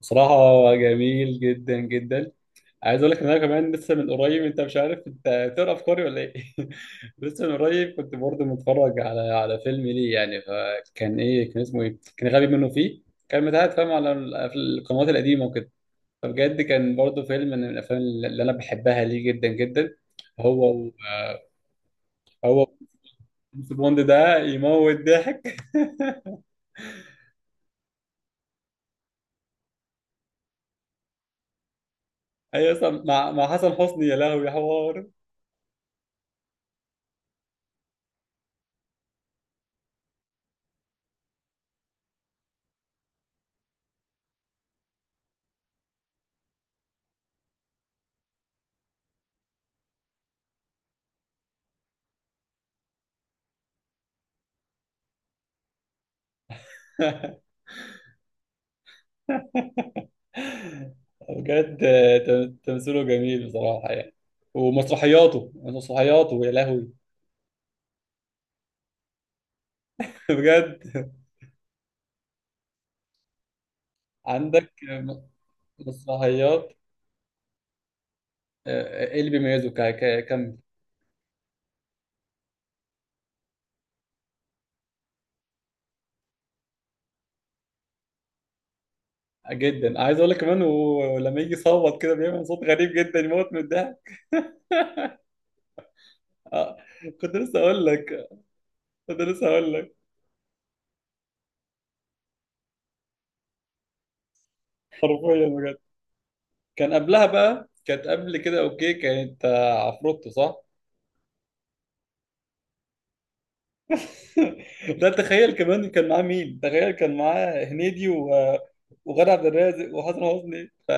بصراحة جميل جدا جدا. عايز اقول لك ان انا كمان لسه من قريب، انت مش عارف انت تقرا افكاري ولا ايه؟ لسه من قريب كنت برضه متفرج على فيلم ليه، يعني. فكان ايه، كان اسمه ايه، كان غبي منه فيه. كان متعاد، فاهم، في القنوات القديمة وكده. فبجد كان برضه فيلم من الافلام اللي انا بحبها ليه جدا جدا. هو و- هو جيمس بوند ده يموت ضحك. اي، اصلا مع حسن حسني، يا لهوي يا حوار. بجد، تمثيله جميل بصراحة يعني. ومسرحياته مسرحياته، يا لهوي. بجد. عندك مسرحيات، ايه اللي بيميزه ك- ك- كم جدا؟ عايز اقول لك كمان هو لما يجي يصوت كده بيعمل صوت غريب جدا، يموت من الضحك. آه، كنت لسه اقول لك كنت لسه اقول لك حرفيا بجد. كان قبلها بقى، كانت قبل كده اوكي، كانت عفروتو، صح؟ ده تخيل، كمان كان معاه مين؟ تخيل كان معاه هنيدي وغادة عبد الرازق وحسن حسني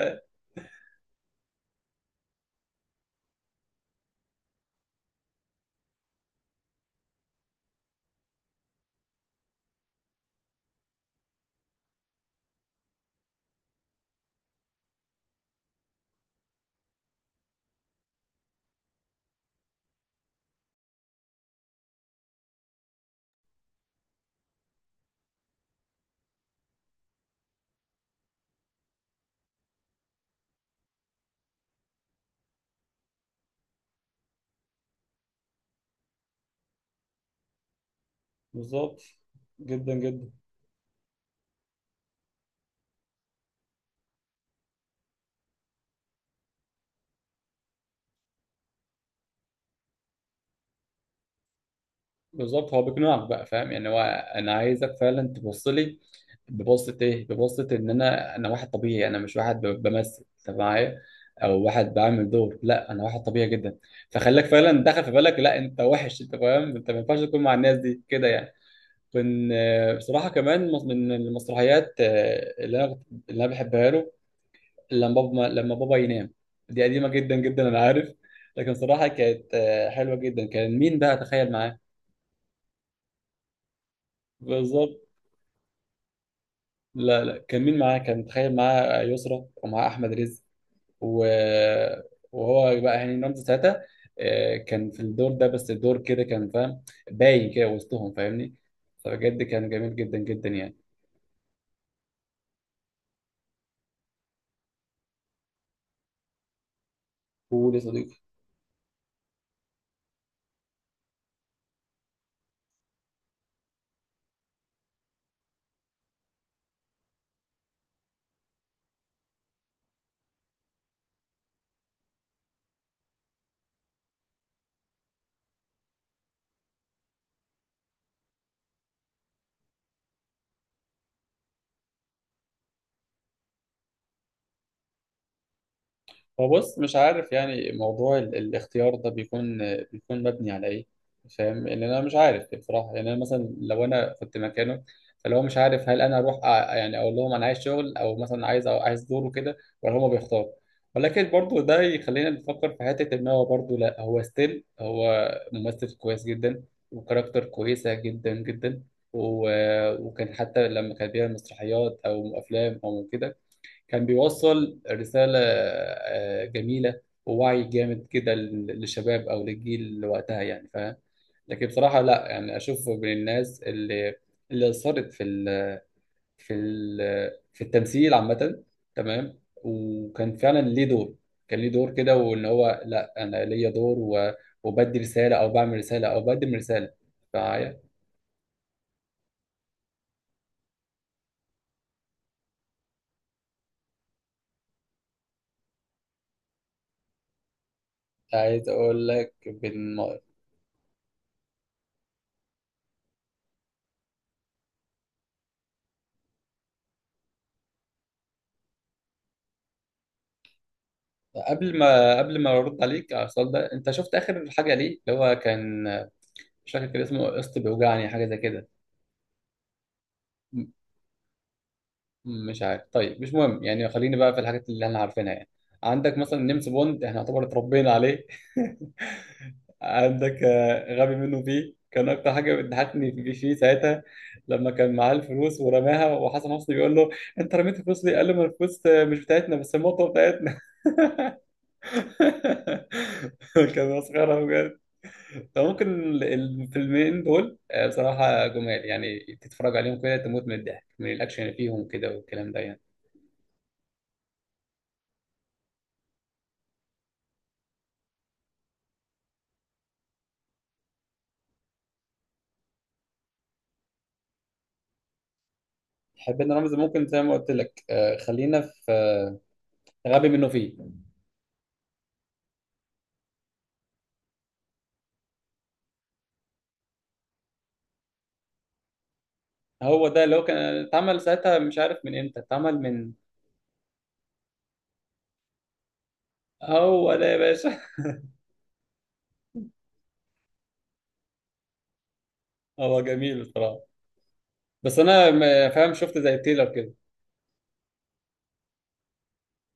بالظبط جدا جدا. بالظبط، هو بيقنعك بقى، فاهم يعني. هو انا عايزك فعلا تبص لي ببصة ايه، ببصة ان انا واحد طبيعي، انا مش واحد بمثل انت معايا، او واحد بعمل دور. لا، انا واحد طبيعي جدا. فخليك فعلا، دخل في بالك لا انت وحش، انت فاهم، انت ما ينفعش تكون مع الناس دي كده يعني. كان بصراحة كمان من المسرحيات اللي اللي أنا بحبها له، لما بابا لما بابا ينام. دي قديمة جدا جدا، أنا عارف. لكن صراحة كانت حلوة جدا. كان مين بقى تخيل معاه؟ بالظبط. لا لا، كان مين معاه؟ كان تخيل معاه يسرا ومعاه أحمد رزق و... وهو بقى هاني رمزي ساعتها. كان في الدور ده، بس الدور كده كان، فاهم، باين كده وسطهم، فاهمني؟ فبجد كان جميل جدا جدا يعني. قول يا صديقي. هو، بص، مش عارف يعني موضوع الاختيار ده بيكون مبني على ايه. فاهم ان انا مش عارف بصراحه يعني. انا مثلا لو انا كنت مكانه، فلو مش عارف هل انا يعني اقول لهم انا عايز شغل، او مثلا عايز عايز دوره كده، ولا هما بيختاروا؟ ولكن برضو ده يخلينا نفكر في حته ان هو برضو، لا، هو ستيل هو ممثل كويس جدا، وكاركتر كويسه جدا جدا. و... وكان حتى لما كان بيعمل مسرحيات او افلام او كده، كان بيوصل رسالة جميلة ووعي جامد كده للشباب أو للجيل اللي وقتها، يعني فاهم. لكن بصراحة لا، يعني أشوف من الناس اللي أثرت في ال في التمثيل عامة. تمام. وكان فعلا ليه دور، كان ليه دور كده، وإن هو، لا أنا ليا دور وبدي رسالة، أو بعمل رسالة، أو بقدم رسالة معايا. عايز أقول لك قبل ما قبل ما ارد عليك على السؤال ده، انت شفت اخر حاجه ليه، اللي هو كان، مش فاكر كان اسمه قسط بيوجعني حاجه زي كده؟ م- مش عارف. طيب مش مهم يعني. خليني بقى في الحاجات اللي احنا عارفينها يعني. عندك مثلا نيمس بوند، احنا يعتبر اتربينا عليه. عندك غبي منه فيه. كان اكتر حاجه بتضحكني فيه ساعتها، لما كان معاه الفلوس ورماها وحسن حسني بيقول له: انت رميت الفلوس ليه؟ قال له: ما الفلوس مش بتاعتنا، بس المطوه بتاعتنا. كان مسخره. فممكن الفيلمين دول بصراحة جمال، يعني تتفرج عليهم كده تموت من الضحك، من الأكشن اللي فيهم كده والكلام ده يعني. حبينا رمز ممكن زي ما قلت لك، خلينا في غبي منه فيه. هو ده اللي هو كان اتعمل ساعتها، مش عارف من امتى اتعمل من. هو ده يا باشا. هو جميل بصراحة. بس أنا فاهم، شفت زي التيلر كده،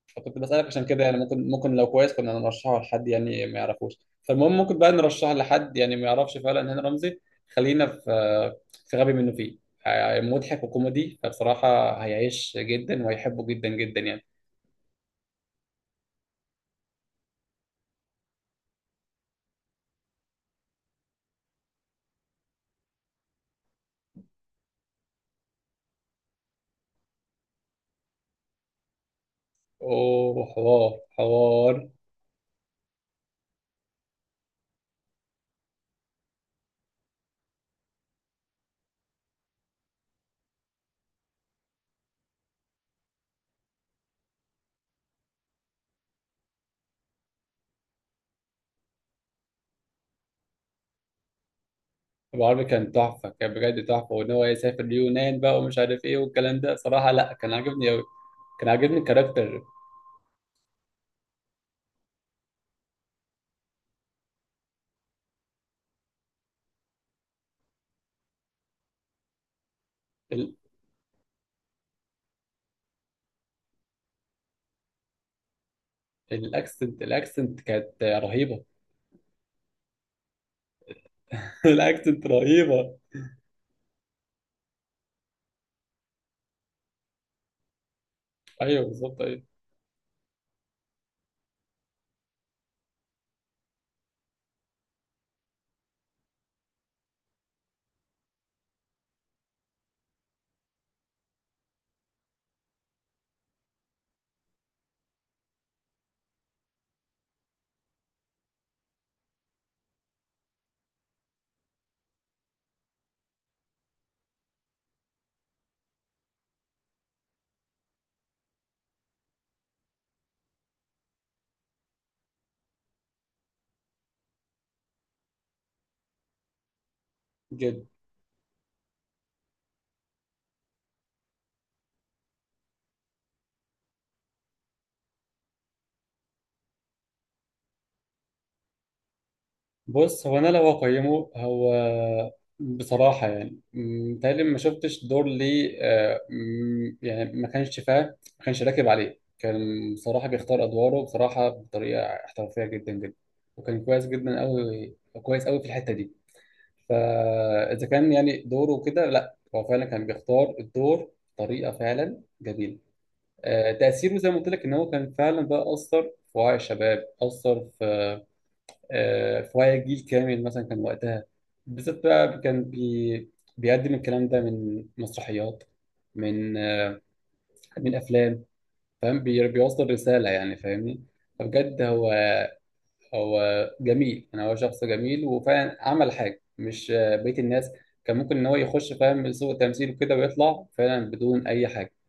فكنت بسألك عشان كده يعني. ممكن لو كويس كنا نرشحه لحد يعني ما يعرفوش. فالمهم ممكن بقى نرشحه لحد يعني ما يعرفش فعلا هاني رمزي. خلينا في في غبي منه فيه. مضحك وكوميدي، فبصراحة هيعيش جدا وهيحبه جدا جدا يعني. اوه، حوار حوار. ابو عربي كان تحفة، كان بجد تحفة، وان هو يسافر اليونان بقى ومش عارف ايه والكلام ده، صراحة لا، كان عاجبني اوي. كان عاجبني الكاركتر. ال- الاكسنت كانت رهيبة. الاكسنت رهيبة. ايوه بالظبط ايوه. جدا. بص، هو انا لو اقيمه، هو بصراحه يعني، متهيألي ما شفتش دور ليه آه، م، يعني ما كانش راكب عليه. كان بصراحه بيختار ادواره، بصراحه بطريقه احترافيه جدا جدا. وكان كويس جدا قوي، كويس قوي في الحته دي. فاذا كان يعني دوره كده، لا هو فعلا كان بيختار الدور بطريقه فعلا جميله. تاثيره زي ما قلت لك ان هو كان فعلا بقى اثر في وعي الشباب، اثر في فهي جيل كامل مثلا كان وقتها بالذات بقى، كان بيقدم الكلام ده من مسرحيات، من من افلام، فاهم بيوصل رساله يعني، فاهمني؟ فبجد هو جميل يعني. هو شخص جميل وفعلا عمل حاجه مش بقيه الناس كان ممكن ان هو يخش، فاهم، سوق التمثيل وكده ويطلع فعلا بدون اي حاجه.